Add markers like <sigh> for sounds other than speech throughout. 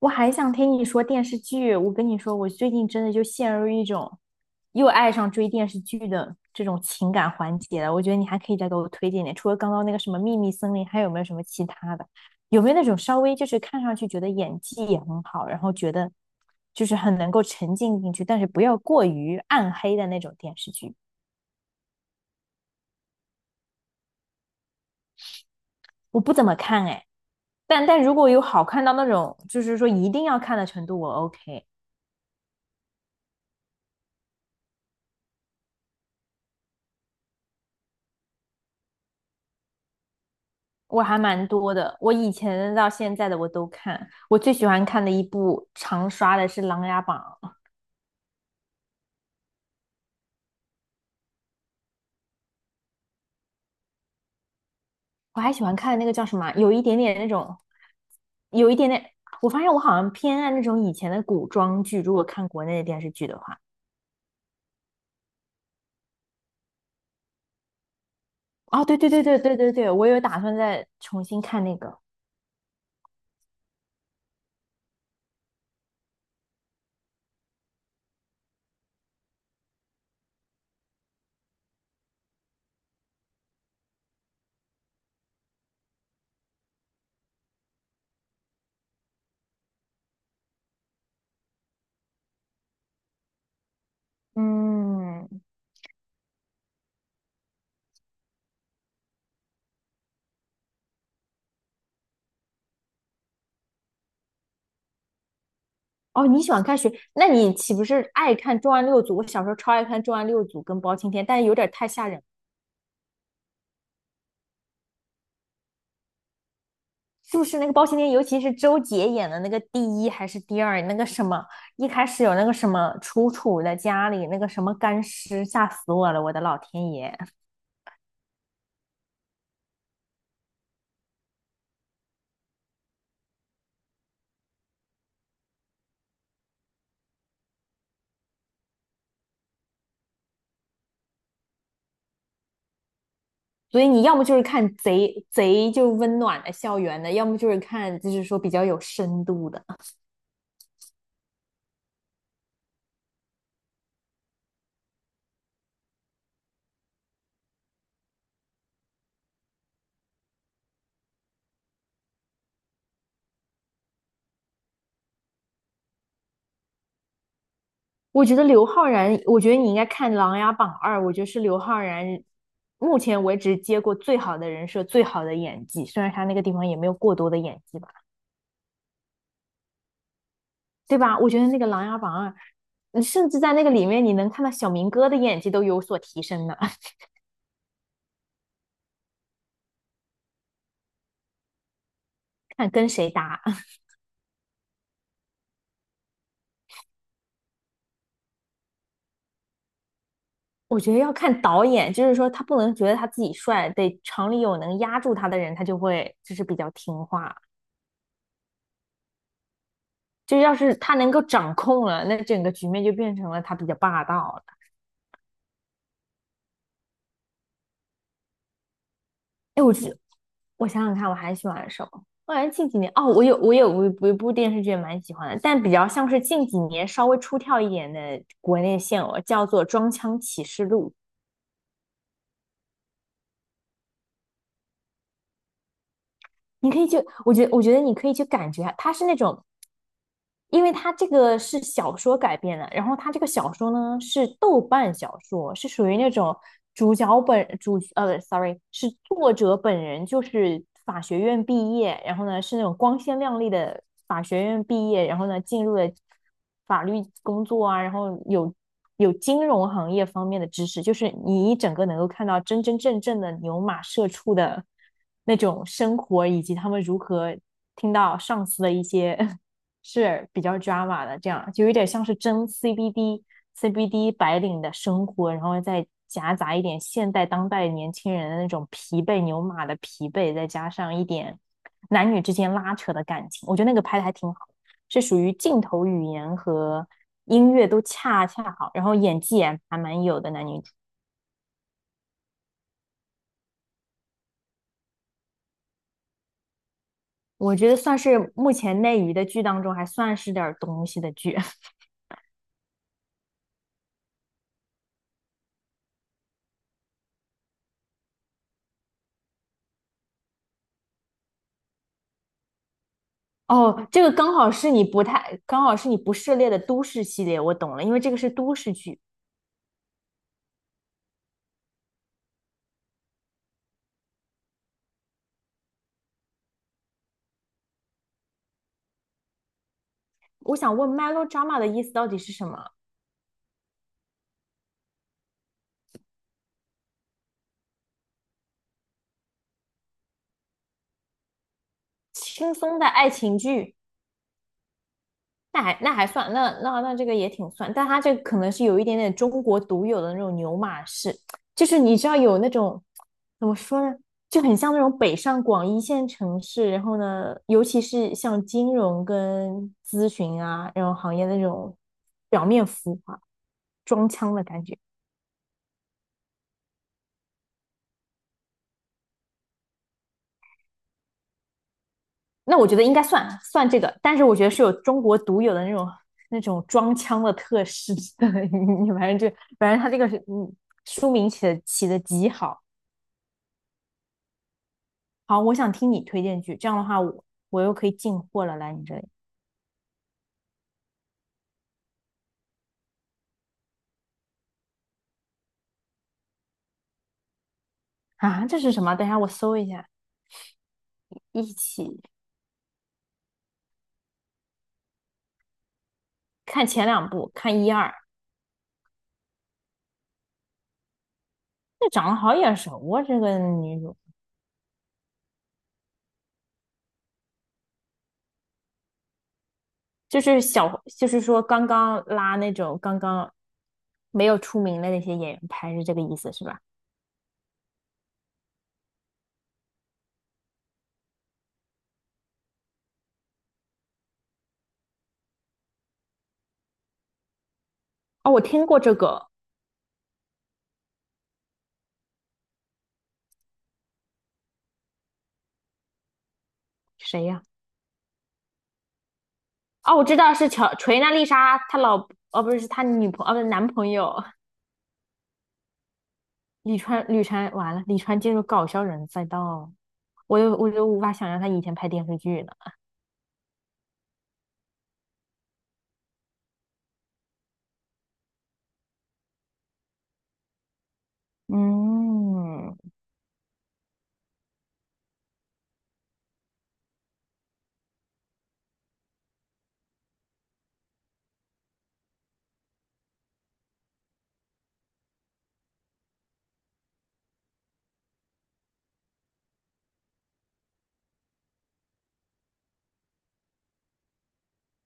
我还想听你说电视剧。我跟你说，我最近真的就陷入一种又爱上追电视剧的这种情感环节了。我觉得你还可以再给我推荐点，除了刚刚那个什么《秘密森林》，还有没有什么其他的？有没有那种稍微就是看上去觉得演技也很好，然后觉得就是很能够沉浸进去，但是不要过于暗黑的那种电视剧？我不怎么看哎，但如果有好看到那种就是说一定要看的程度，我 OK。我还蛮多的，我以前到现在的我都看。我最喜欢看的一部常刷的是《琅琊榜》，我还喜欢看那个叫什么啊，有一点点那种，有一点点。我发现我好像偏爱那种以前的古装剧，如果看国内的电视剧的话。哦，对对对对对对对，我有打算再重新看那个。嗯，哦，你喜欢看谁？那你岂不是爱看《重案六组》？我小时候超爱看《重案六组》跟包青天，但是有点太吓人。是不是那个包青天，尤其是周杰演的那个第一还是第二，那个什么，一开始有那个什么楚楚的家里那个什么干尸，吓死我了，我的老天爷！所以你要么就是看贼贼就温暖的校园的，要么就是看就是说比较有深度的。我觉得刘昊然，我觉得你应该看《琅琊榜二》，我觉得是刘昊然目前为止接过最好的人设、最好的演技，虽然他那个地方也没有过多的演技吧。对吧？我觉得那个《琅琊榜二》，你甚至在那个里面，你能看到小明哥的演技都有所提升呢。<laughs> 看跟谁搭，<laughs> 我觉得要看导演，就是说他不能觉得他自己帅，得厂里有能压住他的人，他就会就是比较听话。就要是他能够掌控了，那整个局面就变成了他比较霸道了。哎，我想想看，我还喜欢什么？我感觉近几年哦，我有一部电视剧也蛮喜欢的，但比较像是近几年稍微出挑一点的国内现偶，叫做《装腔启示录》。你可以去，我觉得你可以去感觉啊，它是那种，因为它这个是小说改编的，然后它这个小说呢是豆瓣小说，是属于那种主角本主呃，sorry,是作者本人就是法学院毕业，然后呢是那种光鲜亮丽的法学院毕业，然后呢进入了法律工作啊，然后有金融行业方面的知识，就是你一整个能够看到真真正正的牛马社畜的。那种生活，以及他们如何听到上司的一些 <laughs> 是比较 drama 的，这样就有点像是真 CBD 白领的生活，然后再夹杂一点现代当代年轻人的那种疲惫牛马的疲惫，再加上一点男女之间拉扯的感情，我觉得那个拍的还挺好，是属于镜头语言和音乐都恰恰好，然后演技也还蛮有的男女主。我觉得算是目前内娱的剧当中还算是点东西的剧。哦，这个刚好是你不太，刚好是你不涉猎的都市系列，我懂了，因为这个是都市剧。我想问 melodrama 的意思到底是什么？轻松的爱情剧。那还那还算，那那那这个也挺算，但它这可能是有一点点中国独有的那种牛马式，就是你知道有那种怎么说呢，就很像那种北上广一线城市，然后呢，尤其是像金融跟咨询啊这种行业的那种表面浮华、装腔的感觉。那我觉得应该算算这个，但是我觉得是有中国独有的那种那种装腔的特 <laughs> 质的，<laughs> 你反正就反正他这个是嗯书名起的极好。好，我想听你推荐剧，这样的话我又可以进货了，来你这里。啊？这是什么？等一下我搜一下，一起看前两部，看一二。这长得好眼熟啊，这个女主就是小，就是说刚刚拉那种刚刚没有出名的那些演员拍，是这个意思是吧？哦，我听过这个。谁呀、哦，我知道是乔锤娜丽莎她老，哦不是，是她女朋哦不是男朋友。李川，李川完了，李川进入搞笑人赛道，我就无法想象他以前拍电视剧了。嗯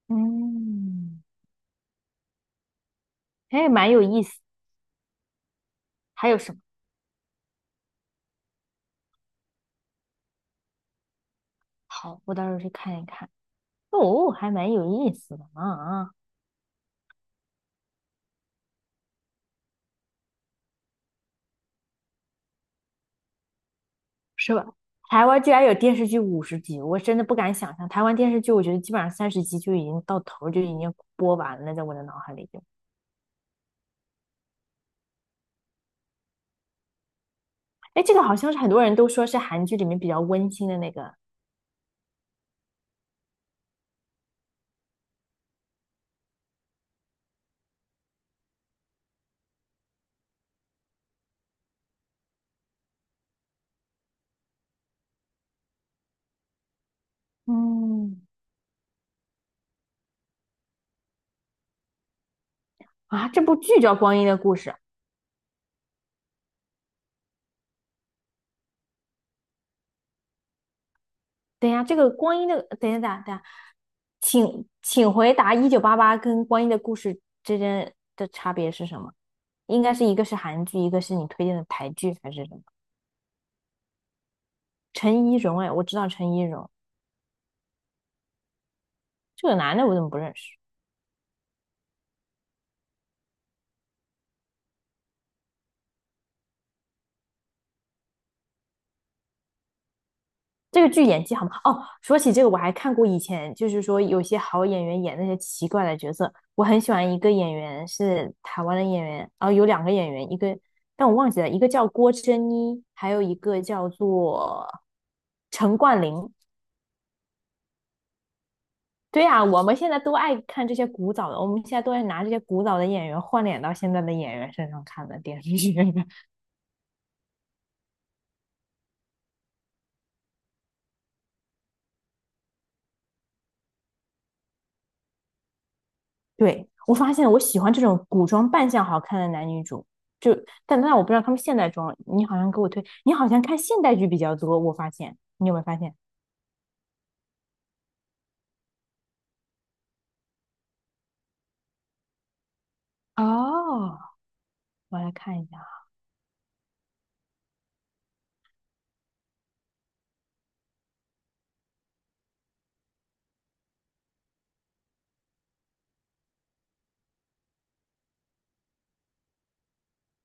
嗯，哎，蛮有意思。还有什么？好，我到时候去看一看。哦，还蛮有意思的啊，是吧？台湾居然有电视剧50集，我真的不敢想象。台湾电视剧，我觉得基本上30集就已经到头就已经播完了，在我的脑海里就。哎，这个好像是很多人都说是韩剧里面比较温馨的那个。嗯，啊，这部剧叫《光阴的故事》。等一下，这个光阴的，等一下，等一下，等一下，请回答《1988》跟《光阴的故事》之间的差别是什么？应该是一个是韩剧，一个是你推荐的台剧，还是什么？陈怡蓉，哎，我知道陈怡蓉。这个男的，我怎么不认识？这个剧演技好吗？哦，说起这个，我还看过以前，就是说有些好演员演那些奇怪的角色。我很喜欢一个演员是台湾的演员，然后有两个演员，一个但我忘记了，一个叫郭珍妮，还有一个叫做陈冠霖。对呀，我们现在都爱看这些古早的，我们现在都爱拿这些古早的演员换脸到现在的演员身上看的电视剧。<laughs> 对，我发现我喜欢这种古装扮相好看的男女主，就但我不知道他们现代装，你好像给我推，你好像看现代剧比较多，我发现你有没有发现？哦，我来看一下，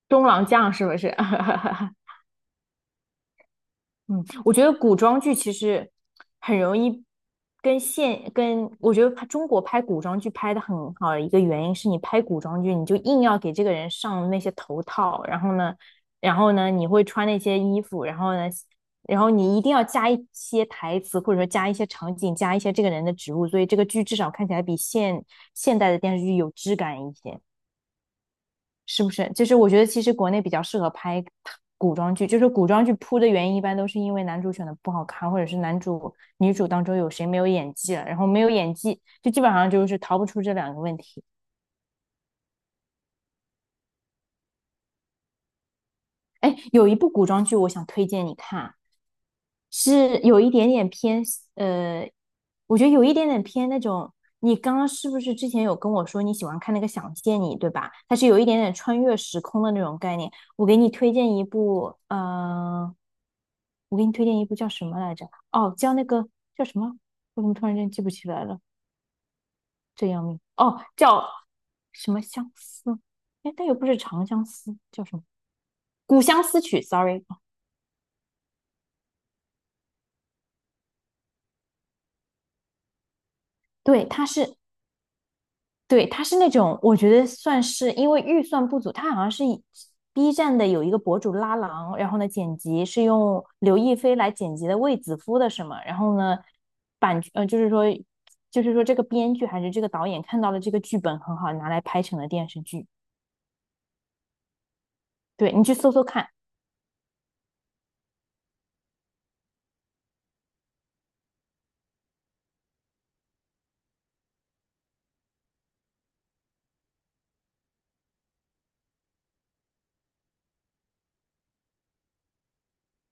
《中郎将》是不是？<laughs> 嗯，我觉得古装剧其实很容易跟现跟，我觉得拍中国拍古装剧拍的很好的一个原因是你拍古装剧，你就硬要给这个人上那些头套，然后呢，然后呢，你会穿那些衣服，然后呢，然后你一定要加一些台词，或者说加一些场景，加一些这个人的植物，所以这个剧至少看起来比现代的电视剧有质感一些。是不是？就是我觉得其实国内比较适合拍古装剧，就是古装剧扑的原因一般都是因为男主选的不好看，或者是男主女主当中有谁没有演技了，然后没有演技就基本上就是逃不出这两个问题。哎，有一部古装剧我想推荐你看，是有一点点偏，呃，我觉得有一点点偏那种。你刚刚是不是之前有跟我说你喜欢看那个《想见你》，对吧？它是有一点点穿越时空的那种概念。我给你推荐一部，呃，我给你推荐一部叫什么来着？哦，叫那个叫什么？我怎么突然间记不起来了？这要命！哦，叫什么相思？哎，但又不是长相思，叫什么《古相思曲》？Sorry,哦对，对，他是那种，我觉得算是因为预算不足，他好像是以 B 站的有一个博主拉郎，然后呢剪辑是用刘亦菲来剪辑的卫子夫的什么，然后呢版呃就是说就是说这个编剧还是这个导演看到了这个剧本很好，拿来拍成了电视剧。对，你去搜搜看，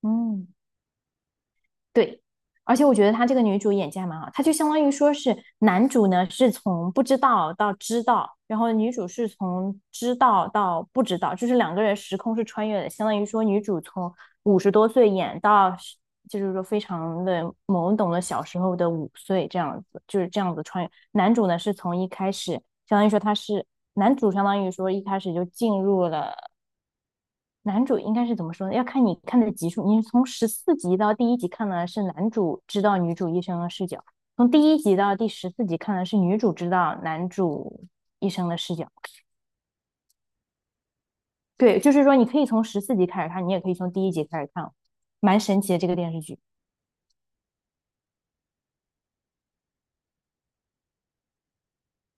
嗯。对，而且我觉得她这个女主演技还蛮好，她就相当于说是男主呢是从不知道到知道，然后女主是从知道到不知道，就是两个人时空是穿越的，相当于说女主从50多岁演到十就是说非常的懵懂的小时候的5岁这样子，就是这样子穿越。男主呢是从一开始，相当于说他是男主，相当于说一开始就进入了男主应该是怎么说呢？要看你看的集数。你是从十四集到第一集看的是男主知道女主一生的视角，从第一集到第14集看的是女主知道男主一生的视角。对，就是说你可以从十四集开始看，你也可以从第一集开始看哦，蛮神奇的这个电视剧。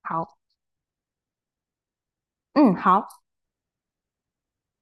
好，嗯，好。